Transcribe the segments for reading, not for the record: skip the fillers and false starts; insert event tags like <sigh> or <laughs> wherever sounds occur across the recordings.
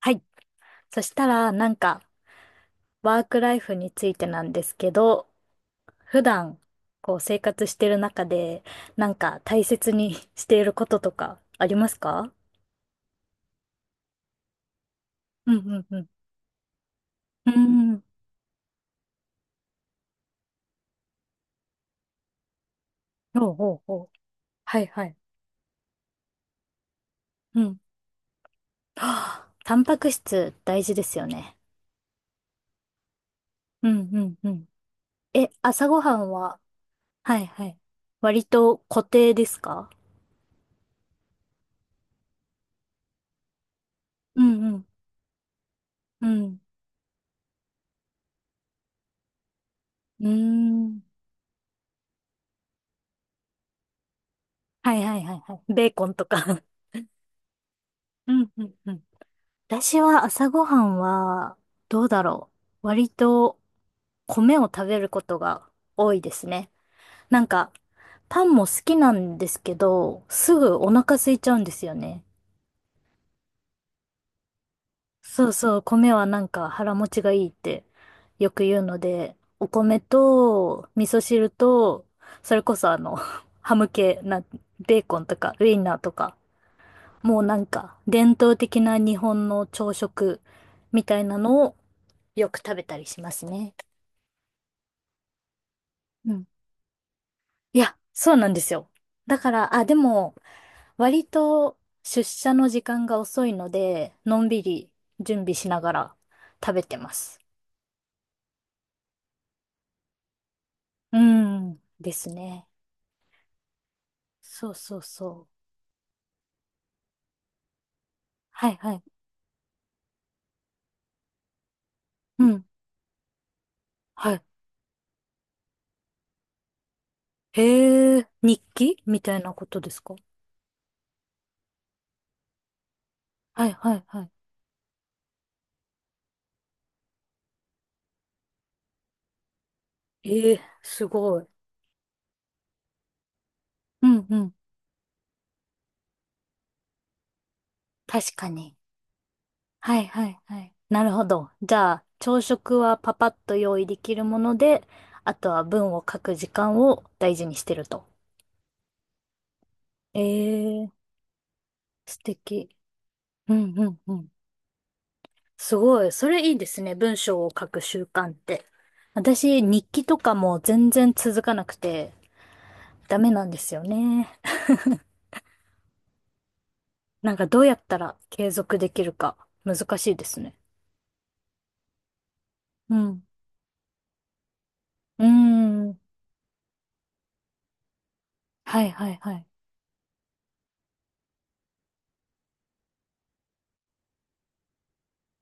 はい。そしたら、なんか、ワークライフについてなんですけど、普段、こう、生活してる中で、なんか、大切に <laughs> していることとか、ありますか？うんうんうん。うん。おうおうおう。はいはい。うん。はあ、タンパク質大事ですよね。うんうんうん。え、朝ごはんは、はいはい。割と固定ですか？うんうん。うん。うーん。はいはいはいはい。ベーコンとか <laughs> うんうんうん。私は朝ごはんは、どうだろう。割と米を食べることが多いですね。なんか、パンも好きなんですけど、すぐお腹空いちゃうんですよね。そうそう、米はなんか腹持ちがいいってよく言うので、お米と味噌汁と、それこそ<laughs> ハム系な、ベーコンとかウインナーとか、もうなんか伝統的な日本の朝食みたいなのをよく食べたりしますね。うん。いや、そうなんですよ。だから、あ、でも、割と出社の時間が遅いので、のんびり準備しながら食べてます。うん、ですね。そうそうそう。はいはい。うん。はい。へえ、日記みたいなことですか？はいはいはい。ええ、すごい。うんうん。確かに。はいはいはい。なるほど。じゃあ、朝食はパパッと用意できるもので、あとは文を書く時間を大事にしてると。ええ、素敵。うんうんうん。すごい。それいいですね。文章を書く習慣って。私、日記とかも全然続かなくてダメなんですよね。なんかどうやったら継続できるか、難しいですね。うん。うーん。はいはいはい。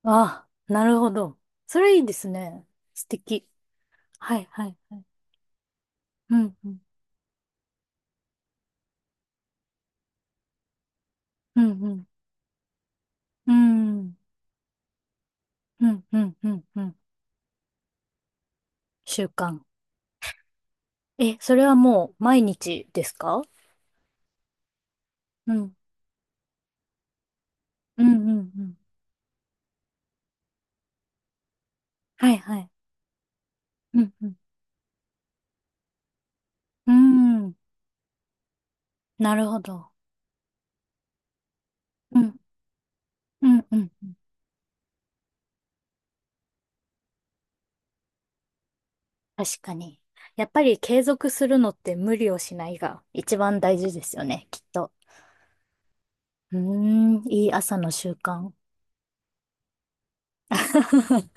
ああ、なるほど。それいいですね。素敵。はい、はい、はい。うん、うん、うん、うん、うん、うん、うん、うん、うん。習慣。え、それはもう毎日ですか？うん、うん、うん、うん。はい、はい。うん、うん。うーん、なるほど。うん、うん、うん。確かに。やっぱり継続するのって無理をしないが一番大事ですよね、きっと。うーん、いい朝の習慣。<laughs>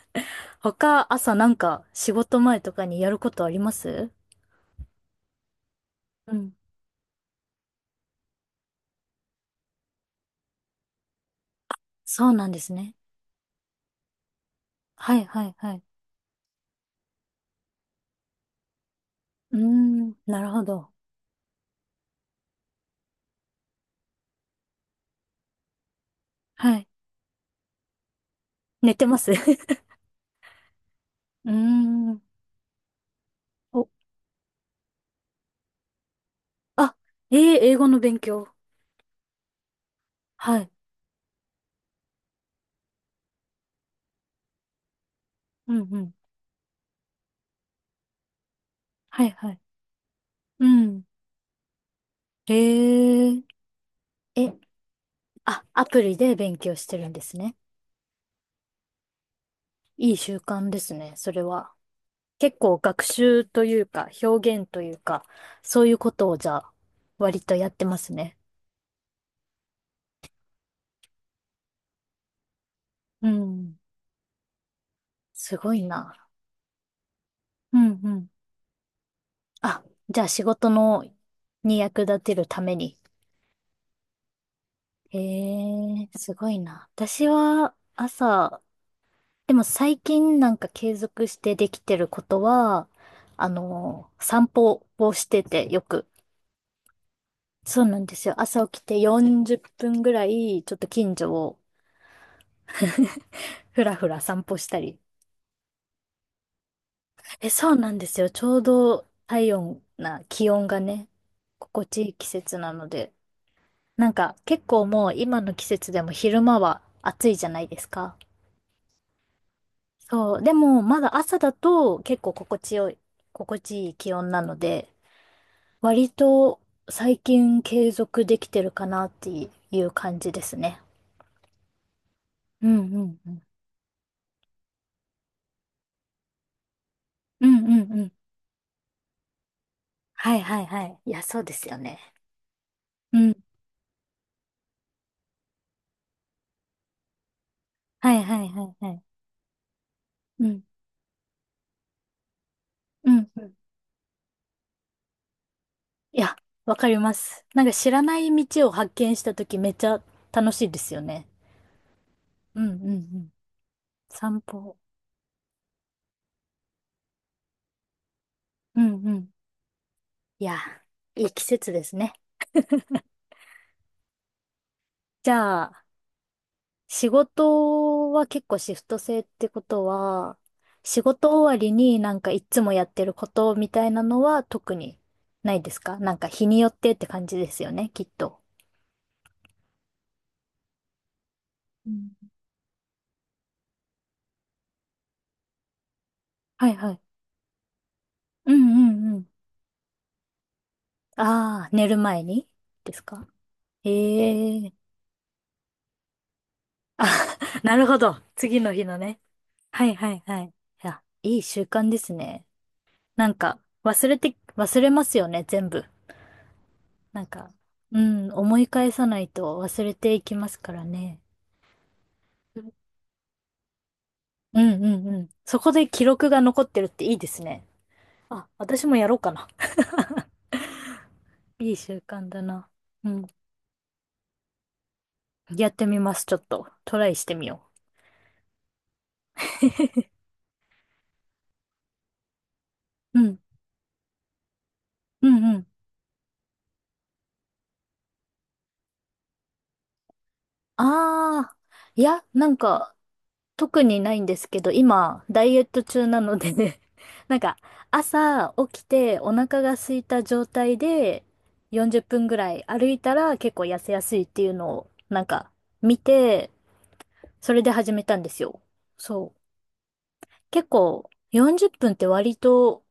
他、朝なんか仕事前とかにやることあります？うん。そうなんですね。はいはいはい。うーん、なるほど。はい。寝てます <laughs> うーん。お、あ、英語の勉強。はい。うんうん。はいはい。うん。へえ。え、あ、アプリで勉強してるんですね。いい習慣ですね、それは。結構学習というか、表現というか、そういうことをじゃあ、割とやってますね。うん。すごいな。うんうん。あ、じゃあ仕事の、に役立てるために。へえ、すごいな。私は朝、でも最近なんか継続してできてることは、散歩をしててよく。そうなんですよ。朝起きて40分ぐらい、ちょっと近所をふらふら散歩したり。え、そうなんですよ。ちょうど体温な気温がね、心地いい季節なので。なんか結構もう今の季節でも昼間は暑いじゃないですか。そう。でも、まだ朝だと結構心地いい気温なので、割と最近継続できてるかなっていう感じですね。うんうんうん。うんうんうん。はいはいはい。いや、そうですよね。うん。はいはいはいはい。うん。うんうん。いや、わかります。なんか知らない道を発見したときめっちゃ楽しいですよね。うんうんうん。散歩。うんうん。いや、いい季節ですね。じゃあ、仕事は結構シフト制ってことは、仕事終わりになんかいつもやってることみたいなのは特にないですか？なんか日によってって感じですよね、きっと。うん。はいはい。うんうんうん。ああ、寝る前にですか？ええ、あ、<laughs> なるほど。次の日のね。はいはいはい。いや、いい習慣ですね。なんか、忘れますよね、全部。なんか、うん、思い返さないと忘れていきますからね。うんうんうん。そこで記録が残ってるっていいですね。あ、私もやろうかな。いい習慣だな。うん。やってみます、ちょっと。トライしてみよう。<laughs> うん。うんうん。ああ。いや、なんか、特にないんですけど、今、ダイエット中なのでね <laughs> なんか、朝起きてお腹が空いた状態で40分ぐらい歩いたら結構痩せやすいっていうのを、なんか、見て、それで始めたんですよ。そう。結構、40分っぷんって割と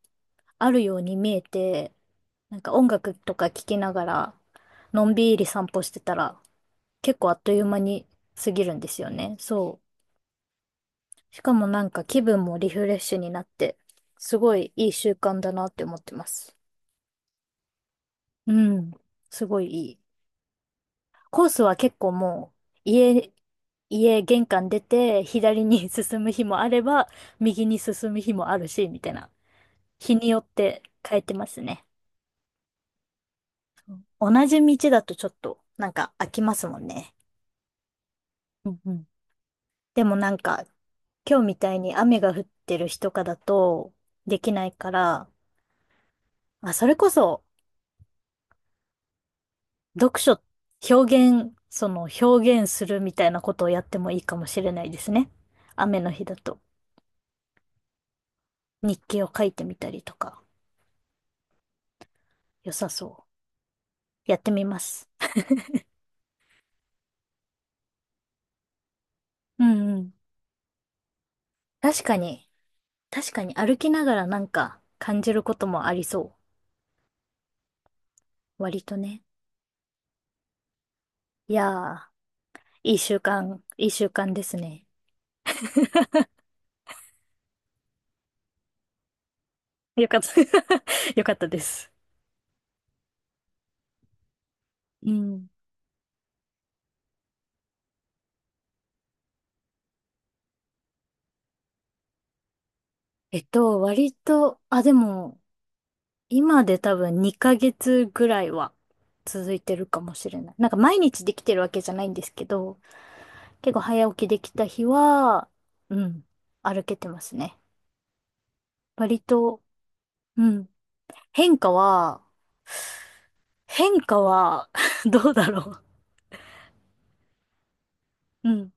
あるように見えて、なんか音楽とか聴きながら、のんびり散歩してたら、結構あっという間に過ぎるんですよね。そう。しかもなんか気分もリフレッシュになって、すごいいい習慣だなって思ってます。うん。すごいいい。コースは結構もう、家玄関出て、左に <laughs> 進む日もあれば、右に進む日もあるし、みたいな。日によって変えてますね。同じ道だとちょっと、なんか飽きますもんね。うんうん。でもなんか、今日みたいに雨が降ってる日とかだと、できないから、まあ、それこそ、読書、表現、その表現するみたいなことをやってもいいかもしれないですね。雨の日だと日記を書いてみたりとか、良さそう。やってみます。うんうん。確かに、確かに歩きながらなんか感じることもありそう。割とね。いやー、いい習慣、いい習慣ですね。よかった。<laughs> よかったです。うん。割と、あ、でも、今で多分2ヶ月ぐらいは続いてるかもしれない。なんか毎日できてるわけじゃないんですけど、結構早起きできた日は、うん、歩けてますね。割と、うん、変化は、変化は <laughs> どうだろう。うん